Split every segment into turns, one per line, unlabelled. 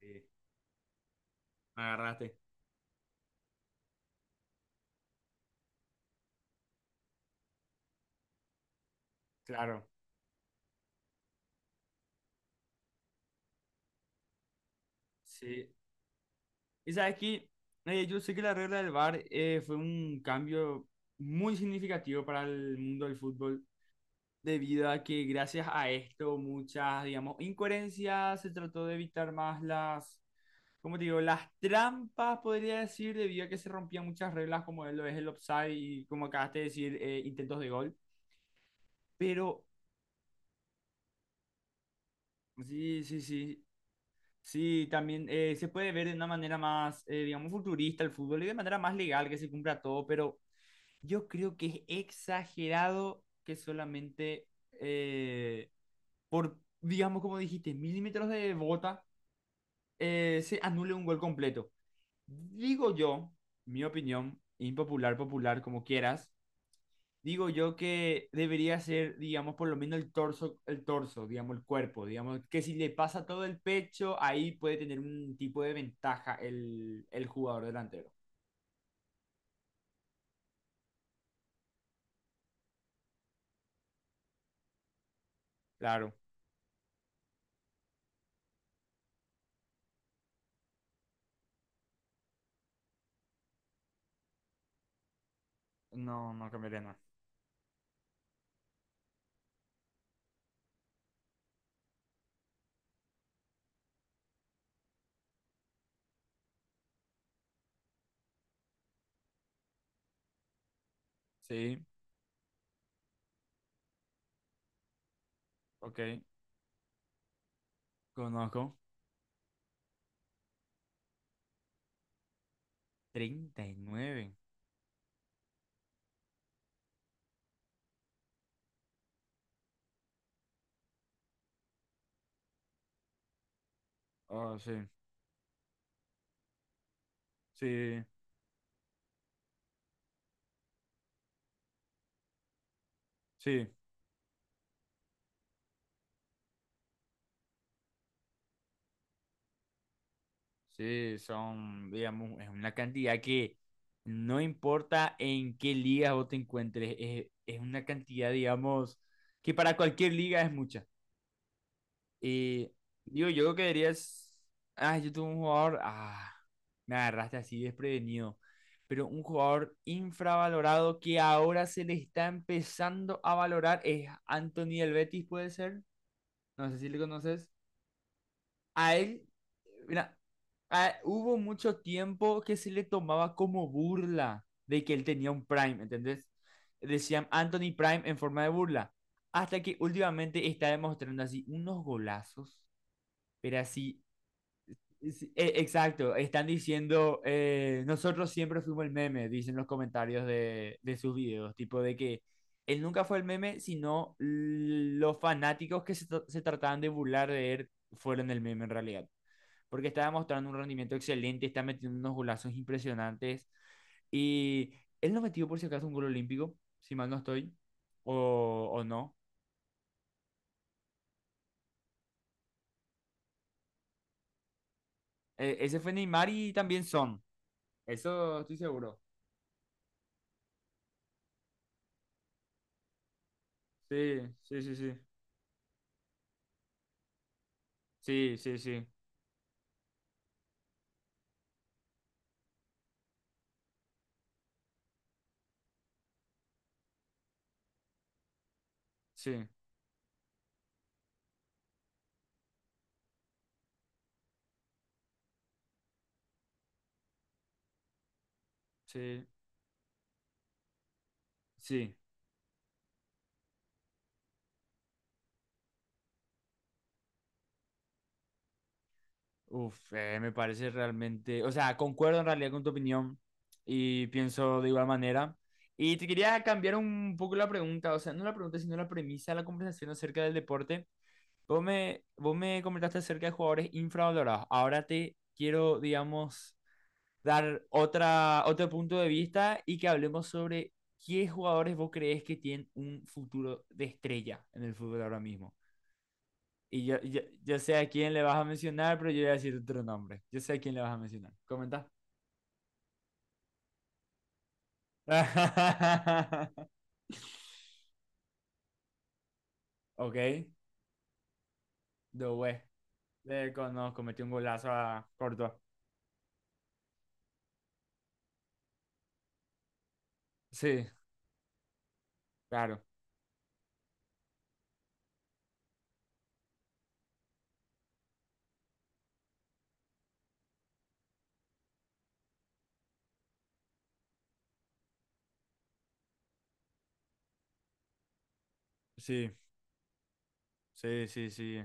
Sí, me agarraste. Claro. Sí. Y sabes que yo sé que la regla del VAR fue un cambio muy significativo para el mundo del fútbol, debido a que gracias a esto muchas, digamos, incoherencias, se trató de evitar más las, como te digo, las trampas, podría decir, debido a que se rompían muchas reglas, como lo es el offside y como acabaste de decir, intentos de gol. Pero sí, sí, sí. Sí, también se puede ver de una manera más, digamos, futurista el fútbol y de manera más legal que se cumpla todo, pero yo creo que es exagerado que solamente eh, por, digamos, como dijiste, milímetros de bota se anule un gol completo. Digo yo, mi opinión, impopular, popular, como quieras, digo yo que debería ser, digamos, por lo menos el torso, digamos, el cuerpo, digamos, que si le pasa todo el pecho, ahí puede tener un tipo de ventaja el jugador delantero. Claro, no, no cambiaría nada. Sí, ok, conozco. 39. Oh, sí, sí, sí, sí, son, digamos, es una cantidad que no importa en qué liga vos te encuentres, es una cantidad, digamos, que para cualquier liga es mucha. Y digo, yo que dirías, ah, yo tuve un jugador, ah, me agarraste así desprevenido, pero un jugador infravalorado que ahora se le está empezando a valorar es Anthony del Betis, puede ser, no sé si le conoces. A él, mira, hubo mucho tiempo que se le tomaba como burla de que él tenía un Prime, ¿entendés? Decían Anthony Prime en forma de burla. Hasta que últimamente está demostrando así unos golazos, pero así sí, exacto, están diciendo, nosotros siempre fuimos el meme, dicen los comentarios de sus videos, tipo de que él nunca fue el meme, sino los fanáticos que se trataban de burlar de él fueron el meme en realidad, porque estaba mostrando un rendimiento excelente, está metiendo unos golazos impresionantes y él no metió por si acaso un gol olímpico, si mal no estoy, o no. Ese fue Neymar y también Son, eso estoy seguro. Sí, sí, sí, sí. Sí, sí, sí, sí, sí, sí. Uf, me parece realmente, o sea, concuerdo en realidad con tu opinión y pienso de igual manera. Y te quería cambiar un poco la pregunta, o sea, no la pregunta, sino la premisa de la conversación acerca del deporte. Vos me comentaste acerca de jugadores infravalorados. Ahora te quiero, digamos, dar otra, otro punto de vista y que hablemos sobre qué jugadores vos crees que tienen un futuro de estrella en el fútbol ahora mismo. Y yo sé a quién le vas a mencionar, pero yo voy a decir otro nombre. Yo sé a quién le vas a mencionar. Comenta. Ok, Doué. Le conozco, metió un golazo a Córdoba. Sí, claro. Sí, sí, sí, sí.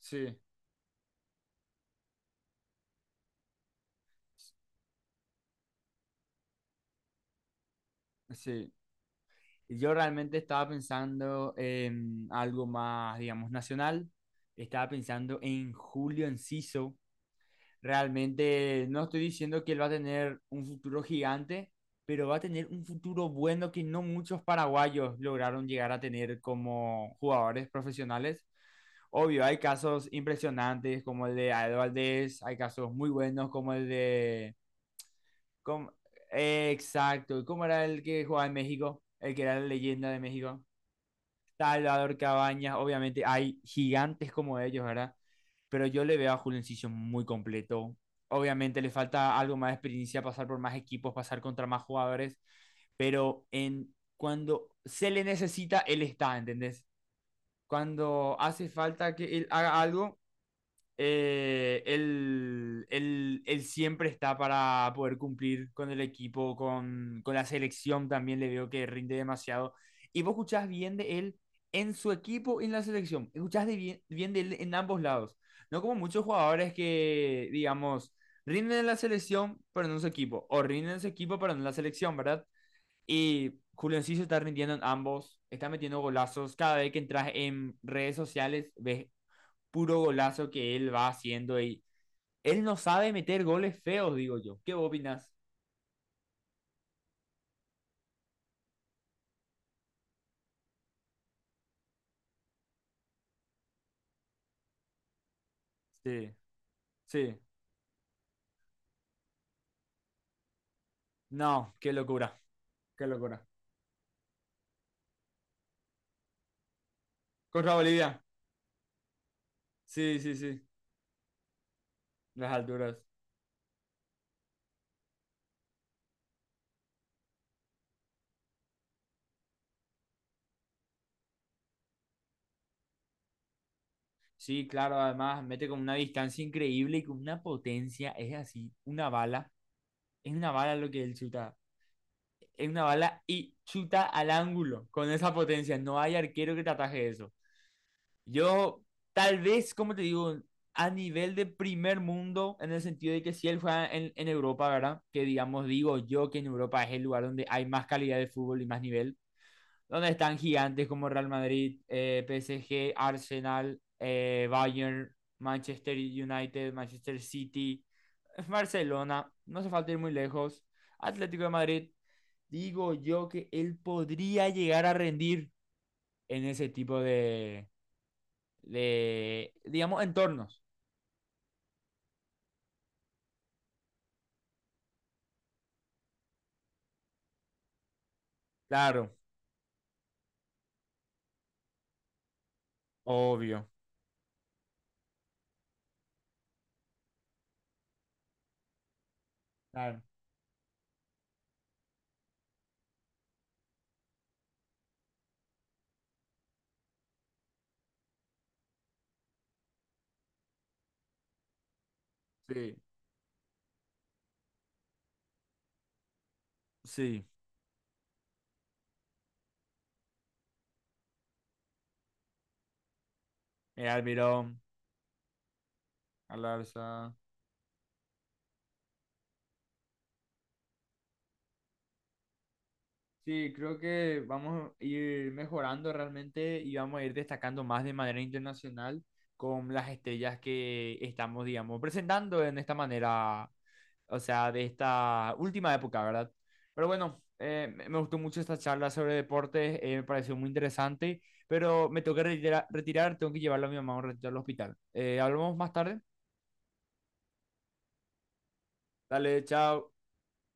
Sí, sí. Y yo realmente estaba pensando en algo más, digamos, nacional. Estaba pensando en Julio Enciso. Realmente no estoy diciendo que él va a tener un futuro gigante, pero va a tener un futuro bueno que no muchos paraguayos lograron llegar a tener como jugadores profesionales. Obvio, hay casos impresionantes como el de Aedo Valdés, hay casos muy buenos como el de... como- exacto, ¿cómo era el que jugaba en México? El que era la leyenda de México. Salvador Cabañas, obviamente hay gigantes como ellos, ¿verdad? Pero yo le veo a Julencillo muy completo. Obviamente le falta algo más de experiencia, pasar por más equipos, pasar contra más jugadores, pero en cuando se le necesita, él está, ¿entendés? Cuando hace falta que él haga algo, él siempre está para poder cumplir con el equipo, con la selección también le veo que rinde demasiado. Y vos escuchás bien de él en su equipo y en la selección, escuchás de bien, bien de él en ambos lados, no como muchos jugadores que, digamos, rinden en la selección pero no en su equipo, o rinden en su equipo pero no en la selección, ¿verdad? Y Julio Enciso está rindiendo en ambos, está metiendo golazos, cada vez que entras en redes sociales ves puro golazo que él va haciendo y él no sabe meter goles feos, digo yo. ¿Qué opinas? Sí, sí. No, qué locura, qué locura. Contra Bolivia. Sí, sí, sí. Las alturas. Sí, claro, además mete con una distancia increíble y con una potencia. Es así, una bala. Es una bala lo que él chuta. Es una bala y chuta al ángulo con esa potencia. No hay arquero que te ataje eso. Yo, tal vez, como te digo, a nivel de primer mundo, en el sentido de que si él juega en Europa, ¿verdad? Que digamos, digo yo que en Europa es el lugar donde hay más calidad de fútbol y más nivel, donde están gigantes como Real Madrid, PSG, Arsenal, Bayern, Manchester United, Manchester City, Barcelona, no hace falta ir muy lejos, Atlético de Madrid. Digo yo que él podría llegar a rendir en ese tipo de digamos, entornos. Claro, obvio. Claro. Sí, sí. El Almirón, Alarza, sí, creo que vamos a ir mejorando realmente y vamos a ir destacando más de manera internacional con las estrellas que estamos, digamos, presentando en esta manera, o sea, de esta última época, ¿verdad? Pero bueno, me gustó mucho esta charla sobre deportes, me pareció muy interesante, pero me tengo que retirar, tengo que llevarlo a mi mamá un ratito al hospital. ¿Hablamos más tarde? Dale, chao.